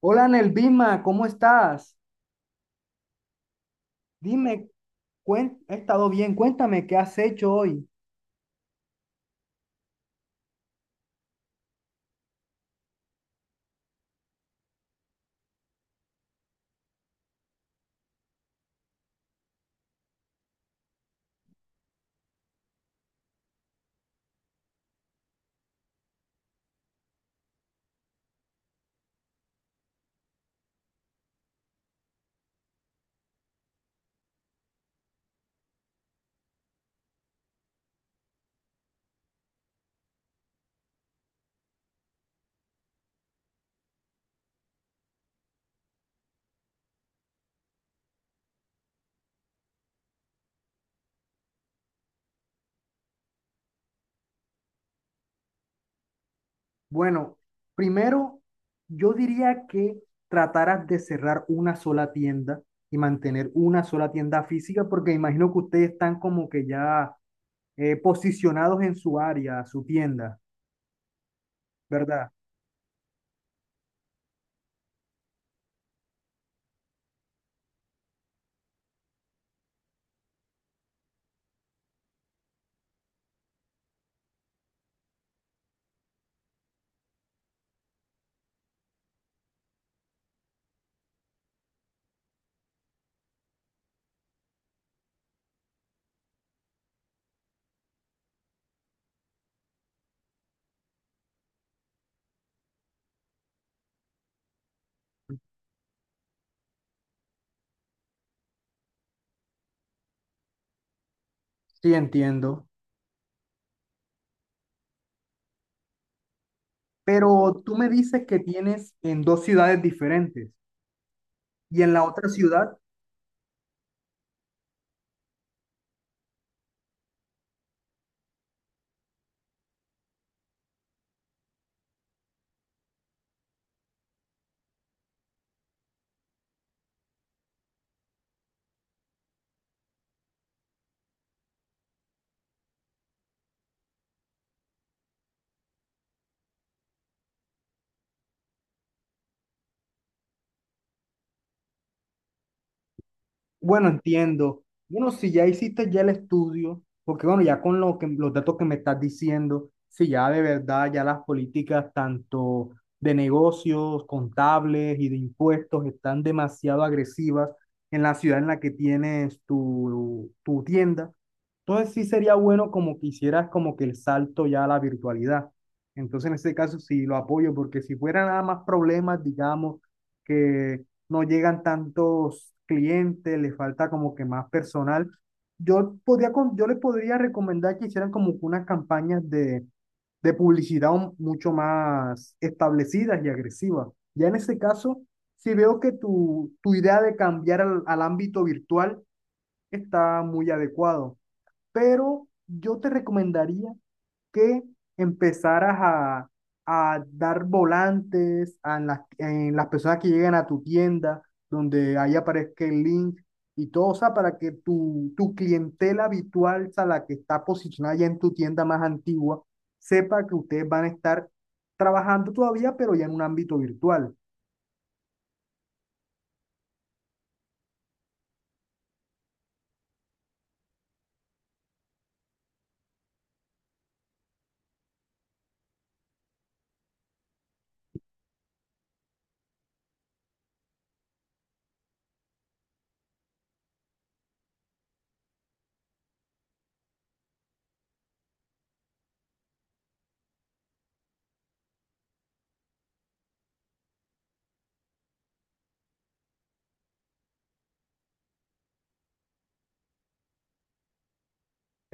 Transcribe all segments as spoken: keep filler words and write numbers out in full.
Hola Nelvima, ¿cómo estás? Dime, cuen- he estado bien, cuéntame qué has hecho hoy. Bueno, primero yo diría que trataras de cerrar una sola tienda y mantener una sola tienda física porque imagino que ustedes están como que ya eh, posicionados en su área, su tienda, ¿verdad? Sí, entiendo. Pero tú me dices que tienes en dos ciudades diferentes y en la otra ciudad. Bueno, entiendo. Bueno, si ya hiciste ya el estudio, porque bueno, ya con lo que, los datos que me estás diciendo, si ya de verdad ya las políticas tanto de negocios, contables y de impuestos están demasiado agresivas en la ciudad en la que tienes tu, tu tienda, entonces sí sería bueno como que hicieras como que el salto ya a la virtualidad. Entonces en este caso sí lo apoyo, porque si fuera nada más problemas, digamos, que no llegan tantos clientes, le falta como que más personal. Yo podría, con- yo les podría recomendar que hicieran como que unas campañas de, de publicidad un- mucho más establecidas y agresivas. Ya en ese caso, si veo que tu, tu idea de cambiar al, al ámbito virtual está muy adecuado, pero yo te recomendaría que empezaras a, a dar volantes a las, en las personas que lleguen a tu tienda, donde ahí aparezca el link y todo, o sea, para que tu, tu clientela habitual, o sea, la que está posicionada ya en tu tienda más antigua, sepa que ustedes van a estar trabajando todavía, pero ya en un ámbito virtual.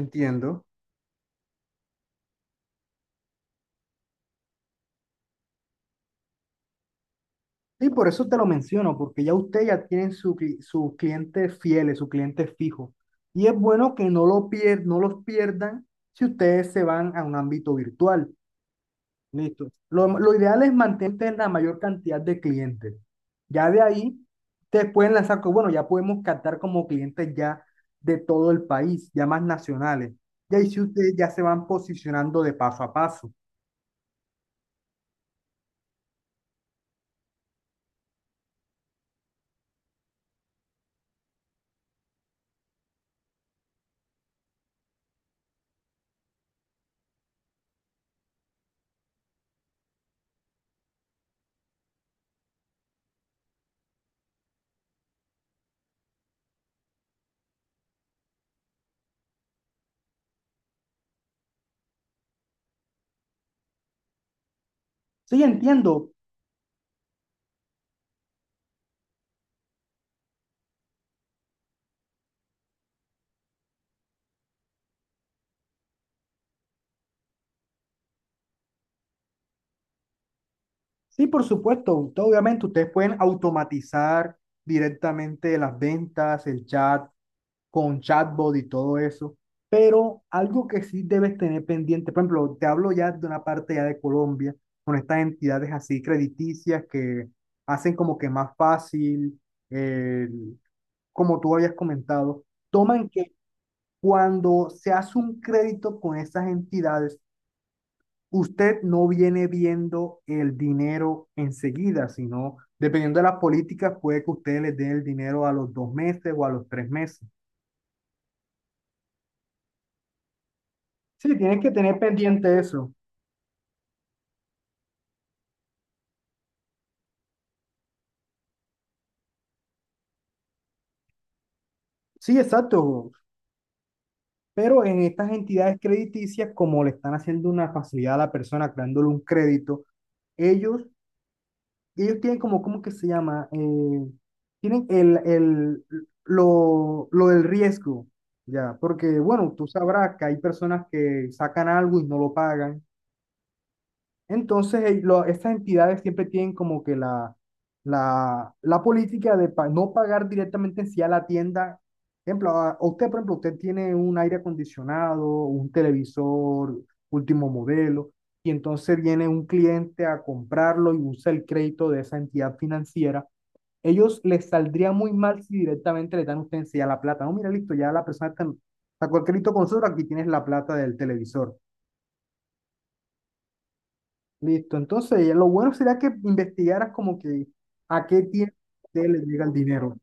Entiendo. Sí, por eso te lo menciono, porque ya usted ya tiene su, cli- sus clientes fieles, sus clientes fijos. Y es bueno que no, lo pier- no los pierdan si ustedes se van a un ámbito virtual. Listo. Lo, lo ideal es mantener la mayor cantidad de clientes. Ya de ahí, ustedes pueden lanzar, co- bueno, ya podemos captar como clientes ya de todo el país, ya más nacionales. Y ahí sí ustedes ya se van posicionando de paso a paso. Sí, entiendo. Sí, por supuesto. to- Obviamente, ustedes pueden automatizar directamente las ventas, el chat, con chatbot y todo eso. Pero algo que sí debes tener pendiente, por ejemplo, te hablo ya de una parte ya de Colombia, con estas entidades así crediticias que hacen como que más fácil, eh, como tú habías comentado, toman que cuando se hace un crédito con esas entidades, usted no viene viendo el dinero enseguida, sino dependiendo de las políticas, puede que usted le dé el dinero a los dos meses o a los tres meses. Sí, tienes que tener pendiente eso. Sí, exacto. Pero en estas entidades crediticias, como le están haciendo una facilidad a la persona, creándole un crédito, ellos, ellos tienen como, ¿cómo que se llama? Eh, tienen el, el, lo, lo del riesgo, ya, porque bueno, tú sabrás que hay personas que sacan algo y no lo pagan. Entonces, eh, lo- estas entidades siempre tienen como que la, la, la política de pa- no pagar directamente en sí a la tienda. Ejemplo, a a usted, por ejemplo, usted tiene un aire acondicionado, un televisor último modelo, y entonces viene un cliente a comprarlo y usa el crédito de esa entidad financiera. Ellos les saldría muy mal si directamente le dan a usted en sí a la plata. No, mira, listo, ya la persona está- sacó el crédito con nosotros, aquí tienes la plata del televisor. Listo, entonces ya lo bueno sería que investigaras como que a qué tiempo le llega el dinero.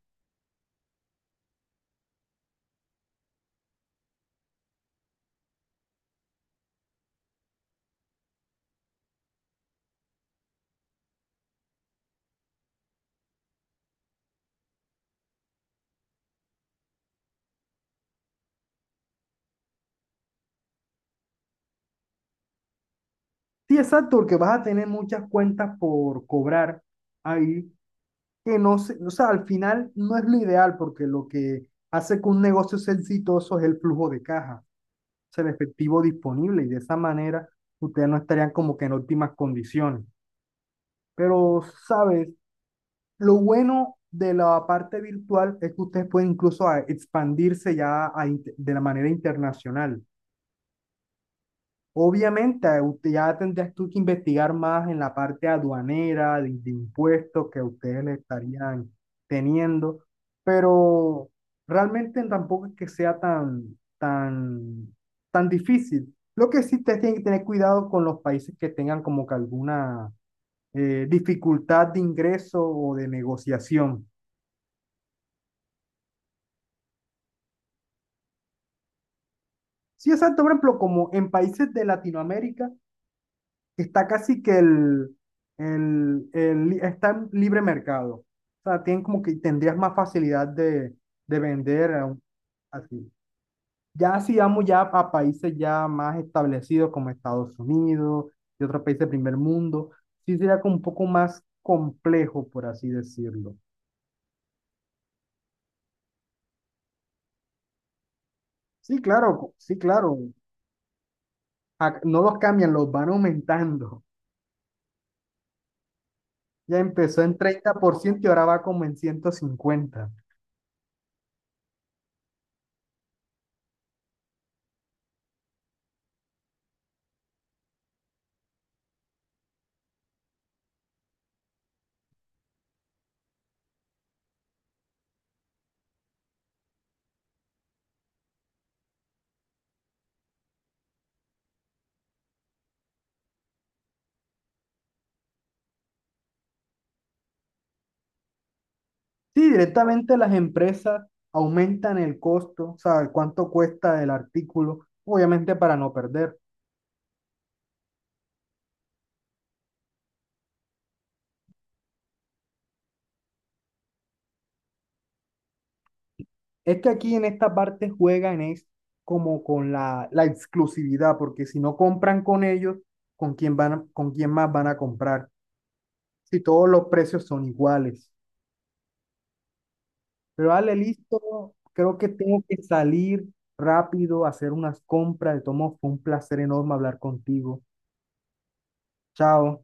Sí, exacto, porque vas a tener muchas cuentas por cobrar ahí, que no se, o sea, al final no es lo ideal, porque lo que hace que un negocio sea exitoso es el flujo de caja, o sea, el efectivo disponible, y de esa manera ustedes no estarían como que en óptimas condiciones. Pero, ¿sabes? Lo bueno de la parte virtual es que ustedes pueden incluso a- expandirse ya a inte- de la manera internacional. Obviamente, a usted- ya tendrías tú que investigar más en la parte aduanera, de, de impuestos que ustedes le estarían teniendo, pero realmente tampoco es que sea tan, tan, tan difícil. Lo que sí ustedes tienen que tener cuidado con los países que tengan como que alguna eh, dificultad de ingreso o de negociación. Sí, exacto, por ejemplo, como en países de Latinoamérica. Está casi que el, el, el li- está en libre mercado. O sea, tienen como que tendrías más facilidad de, de vender a un- así. Ya si vamos ya a países ya más establecidos como Estados Unidos y otros países del primer mundo, sí sería como un poco más complejo, por así decirlo. Sí, claro, co- sí, claro. Ac- No los cambian, los van aumentando. Ya empezó en treinta por ciento y ahora va como en ciento cincuenta. Sí, directamente las empresas aumentan el costo, o sea, cuánto cuesta el artículo, obviamente para no perder. Es que aquí en esta parte juegan es como con la, la exclusividad, porque si no compran con ellos, ¿con quién van, a- con quién más van a comprar? Si todos los precios son iguales. Pero dale, listo, creo que tengo que salir rápido a hacer unas compras. De todos modos, fue un placer enorme hablar contigo. Chao.